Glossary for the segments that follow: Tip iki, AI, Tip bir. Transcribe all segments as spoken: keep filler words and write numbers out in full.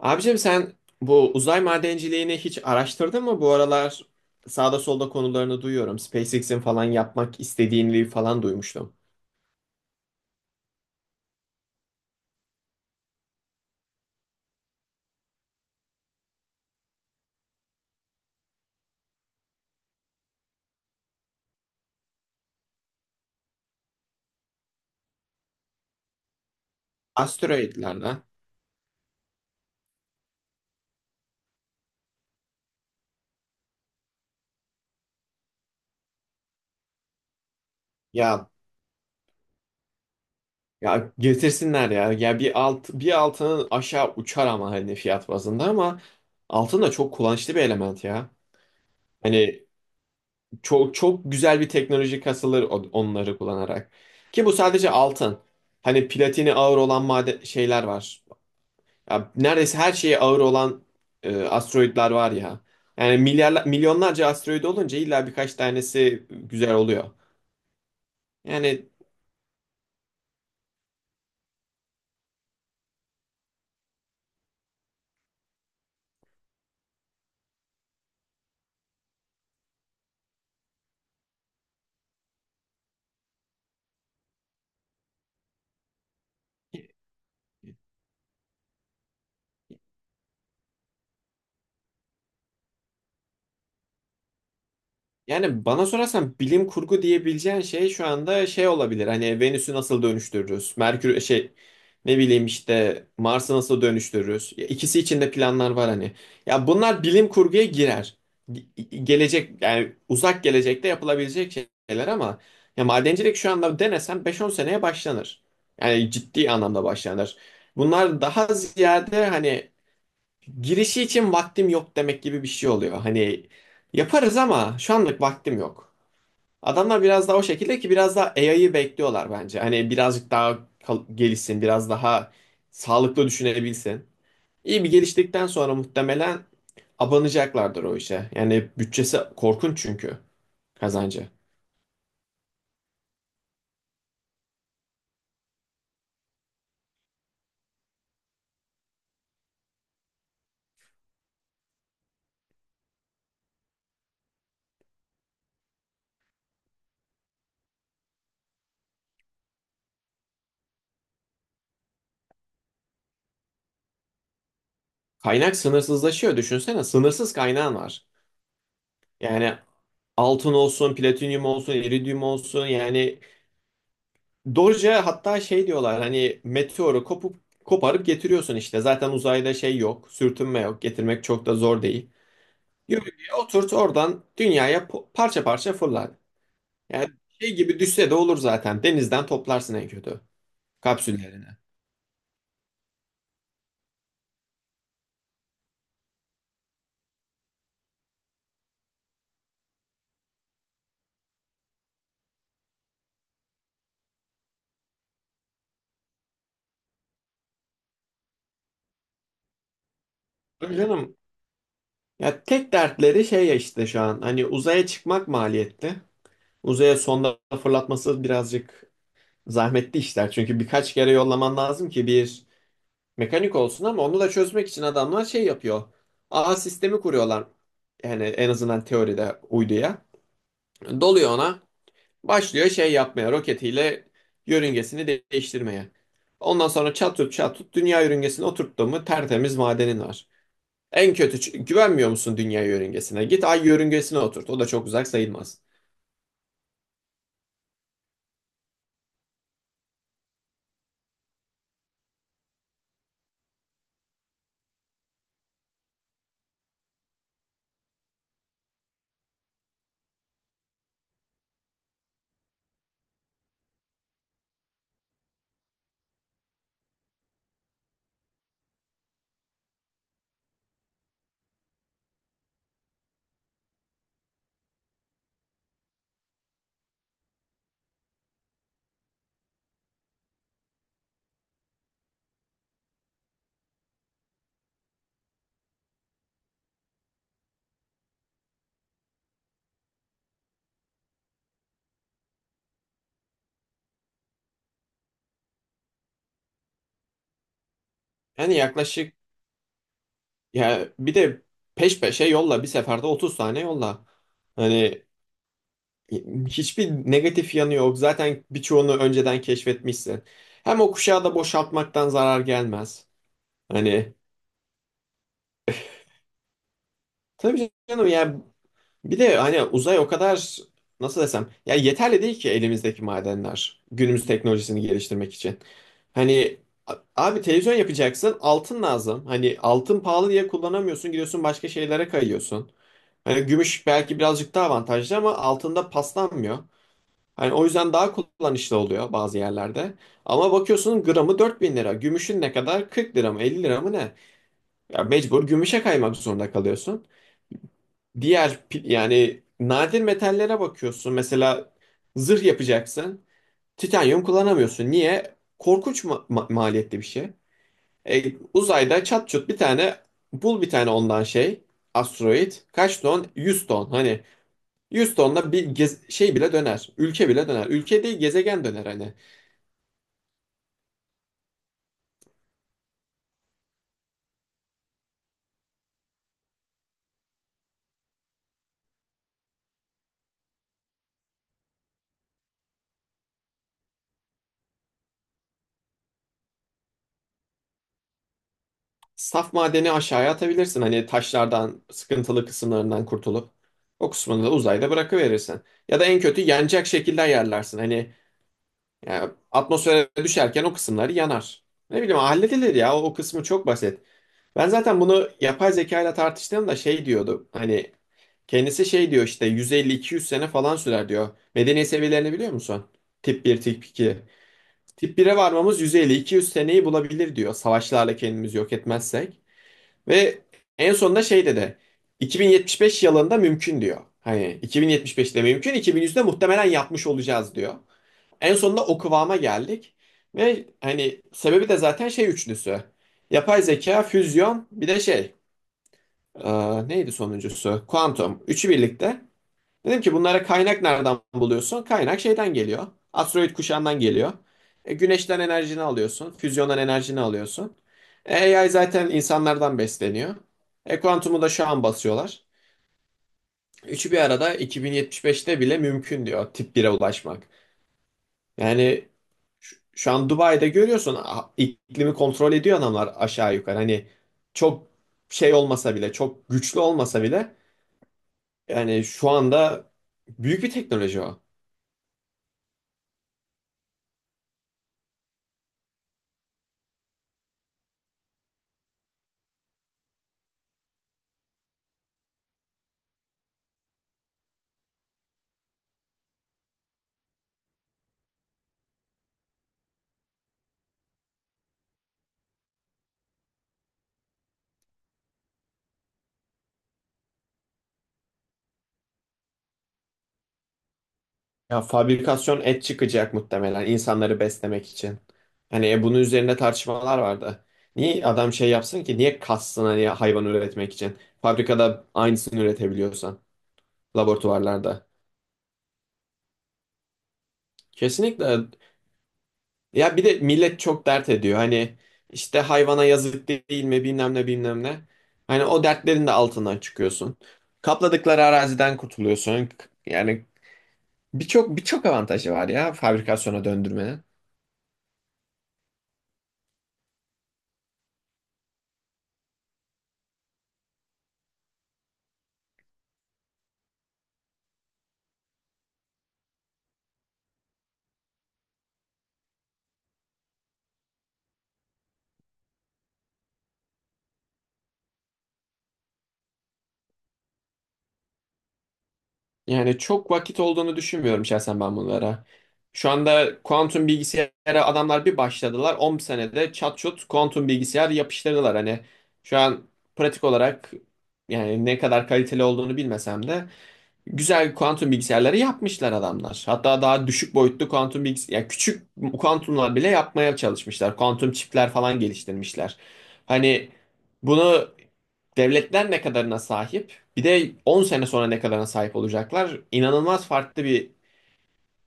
Abicim sen bu uzay madenciliğini hiç araştırdın mı? Bu aralar sağda solda konularını duyuyorum. SpaceX'in falan yapmak istediğini falan duymuştum. Asteroidlerle ya ya getirsinler ya. Ya bir alt bir altının aşağı uçar ama hani fiyat bazında ama altın da çok kullanışlı bir element ya. Hani çok çok güzel bir teknoloji kasılır on- onları kullanarak. Ki bu sadece altın. Hani platini ağır olan maden şeyler var. Ya neredeyse her şeye ağır olan e, asteroidler var ya. Yani milyarlar, milyonlarca asteroid olunca illa birkaç tanesi güzel oluyor. Yani Yani bana sorarsan bilim kurgu diyebileceğin şey şu anda şey olabilir. Hani Venüs'ü nasıl dönüştürürüz? Merkür şey, ne bileyim işte Mars'ı nasıl dönüştürürüz? Ya İkisi için de planlar var hani. Ya bunlar bilim kurguya girer. Ge- Gelecek yani uzak gelecekte yapılabilecek şeyler ama ya madencilik şu anda denesen beş on seneye başlanır. Yani ciddi anlamda başlanır. Bunlar daha ziyade hani girişi için vaktim yok demek gibi bir şey oluyor. Hani yaparız ama şu anlık vaktim yok. Adamlar biraz daha o şekilde ki biraz daha A I'yı bekliyorlar bence. Hani birazcık daha kal- gelişsin, biraz daha sağlıklı düşünebilsin. İyi bir geliştikten sonra muhtemelen abanacaklardır o işe. Yani bütçesi korkunç çünkü kazancı. Kaynak sınırsızlaşıyor düşünsene. Sınırsız kaynağın var. Yani altın olsun, platinyum olsun, iridyum olsun yani Doge'a hatta şey diyorlar hani meteoru kopup koparıp getiriyorsun işte. Zaten uzayda şey yok, sürtünme yok. Getirmek çok da zor değil. Yörüngeye oturt oradan dünyaya po- parça parça fırlar. Yani şey gibi düşse de olur zaten. Denizden toplarsın en kötü kapsüllerini. Tabii canım, ya tek dertleri şey ya işte şu an hani uzaya çıkmak maliyetli. Uzaya sonda fırlatması birazcık zahmetli işler. Çünkü birkaç kere yollaman lazım ki bir mekanik olsun ama onu da çözmek için adamlar şey yapıyor. Ağ sistemi kuruyorlar. Yani en azından teoride uyduya. Doluyor ona. Başlıyor şey yapmaya. Roketiyle yörüngesini de- değiştirmeye. Ondan sonra çat tut çat tut dünya yörüngesine oturttu mu tertemiz madenin var. En kötü ç- güvenmiyor musun dünya yörüngesine? Git ay yörüngesine oturt. O da çok uzak sayılmaz. Yani yaklaşık ya bir de peş peşe yolla bir seferde otuz tane yolla. Hani E, hiçbir negatif yanı yok. Zaten birçoğunu önceden keşfetmişsin. Hem o kuşağı da boşaltmaktan zarar gelmez. Hani tabii canım ya bir de hani uzay o kadar, nasıl desem, ya yeterli değil ki elimizdeki madenler günümüz teknolojisini geliştirmek için. Hani a- abi televizyon yapacaksın altın lazım. Hani altın pahalı diye kullanamıyorsun gidiyorsun başka şeylere kayıyorsun. Hani gümüş belki birazcık daha avantajlı ama altında paslanmıyor. Hani o yüzden daha kullanışlı oluyor bazı yerlerde. Ama bakıyorsun gramı dört bin lira. Gümüşün ne kadar? Kırk lira mı? Elli lira mı ne? Ya mecbur gümüşe kaymak zorunda kalıyorsun. Diğer pi- yani nadir metallere bakıyorsun. Mesela zırh yapacaksın. Titanyum kullanamıyorsun. Niye? Korkunç ma- ma- maliyetli bir şey. E, uzayda çat çut bir tane bul bir tane ondan şey. Asteroid. Kaç ton? Yüz ton. Hani yüz tonla bir gez- şey bile döner. Ülke bile döner. Ülke değil gezegen döner hani. Saf madeni aşağıya atabilirsin. Hani taşlardan, sıkıntılı kısımlarından kurtulup o kısmını da uzayda bırakıverirsin. Ya da en kötü yanacak şekilde ayarlarsın. Hani ya, atmosfere düşerken o kısımları yanar. Ne bileyim halledilir ya o, o kısmı çok basit. Ben zaten bunu yapay zeka ile tartıştığımda şey diyordu. Hani kendisi şey diyor işte yüz elli iki yüz sene falan sürer diyor. Medeniyet seviyelerini biliyor musun? Tip bir, tip iki. Tip bir'e varmamız yüz elli iki yüz seneyi bulabilir diyor. Savaşlarla kendimizi yok etmezsek. Ve en sonunda şey dedi. iki bin yetmiş beş yılında mümkün diyor. Hani iki bin yetmiş beşte mümkün, iki bin yüzde muhtemelen yapmış olacağız diyor. En sonunda o kıvama geldik. Ve hani sebebi de zaten şey üçlüsü. Yapay zeka, füzyon, bir de şey. E, neydi sonuncusu? Kuantum. Üçü birlikte. Dedim ki bunlara kaynak nereden buluyorsun? Kaynak şeyden geliyor. Asteroid kuşağından geliyor. E, güneşten enerjini alıyorsun. Füzyondan enerjini alıyorsun. E, A I zaten insanlardan besleniyor. E, kuantumu da şu an basıyorlar. Üçü bir arada iki bin yetmiş beşte bile mümkün diyor tip bire ulaşmak. Yani şu, şu an Dubai'de görüyorsun a- iklimi kontrol ediyor adamlar aşağı yukarı. Hani çok şey olmasa bile, çok güçlü olmasa bile, yani şu anda büyük bir teknoloji o. Ya fabrikasyon et çıkacak muhtemelen insanları beslemek için. Hani e, bunun üzerinde tartışmalar vardı. Niye adam şey yapsın ki? Niye kassın hani hayvan üretmek için? Fabrikada aynısını üretebiliyorsan laboratuvarlarda. Kesinlikle. Ya bir de millet çok dert ediyor. Hani işte hayvana yazık değil mi bilmem ne bilmem ne. Hani o dertlerin de altından çıkıyorsun. Kapladıkları araziden kurtuluyorsun. Yani birçok birçok avantajı var ya fabrikasyona döndürmenin. Yani çok vakit olduğunu düşünmüyorum şahsen ben bunlara. Şu anda kuantum bilgisayara adamlar bir başladılar. on senede çat çut kuantum bilgisayar yapıştırdılar. Hani şu an pratik olarak, yani ne kadar kaliteli olduğunu bilmesem de, güzel kuantum bilgisayarları yapmışlar adamlar. Hatta daha düşük boyutlu kuantum bilgisayar, yani küçük kuantumlar bile yapmaya çalışmışlar. Kuantum çipler falan geliştirmişler. Hani bunu devletler ne kadarına sahip, bir de on sene sonra ne kadarına sahip olacaklar. İnanılmaz farklı bir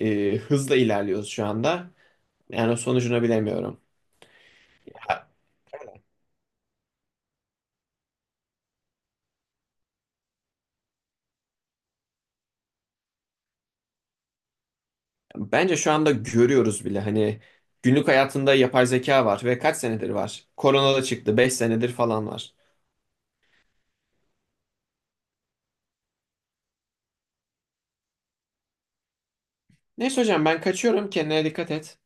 e, hızla ilerliyoruz şu anda. Yani sonucunu bilemiyorum. Ha, Bence şu anda görüyoruz bile hani günlük hayatında yapay zeka var ve kaç senedir var? Korona da çıktı, beş senedir falan var. Neyse hocam ben kaçıyorum. Kendine dikkat et.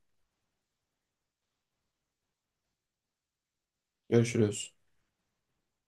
Görüşürüz.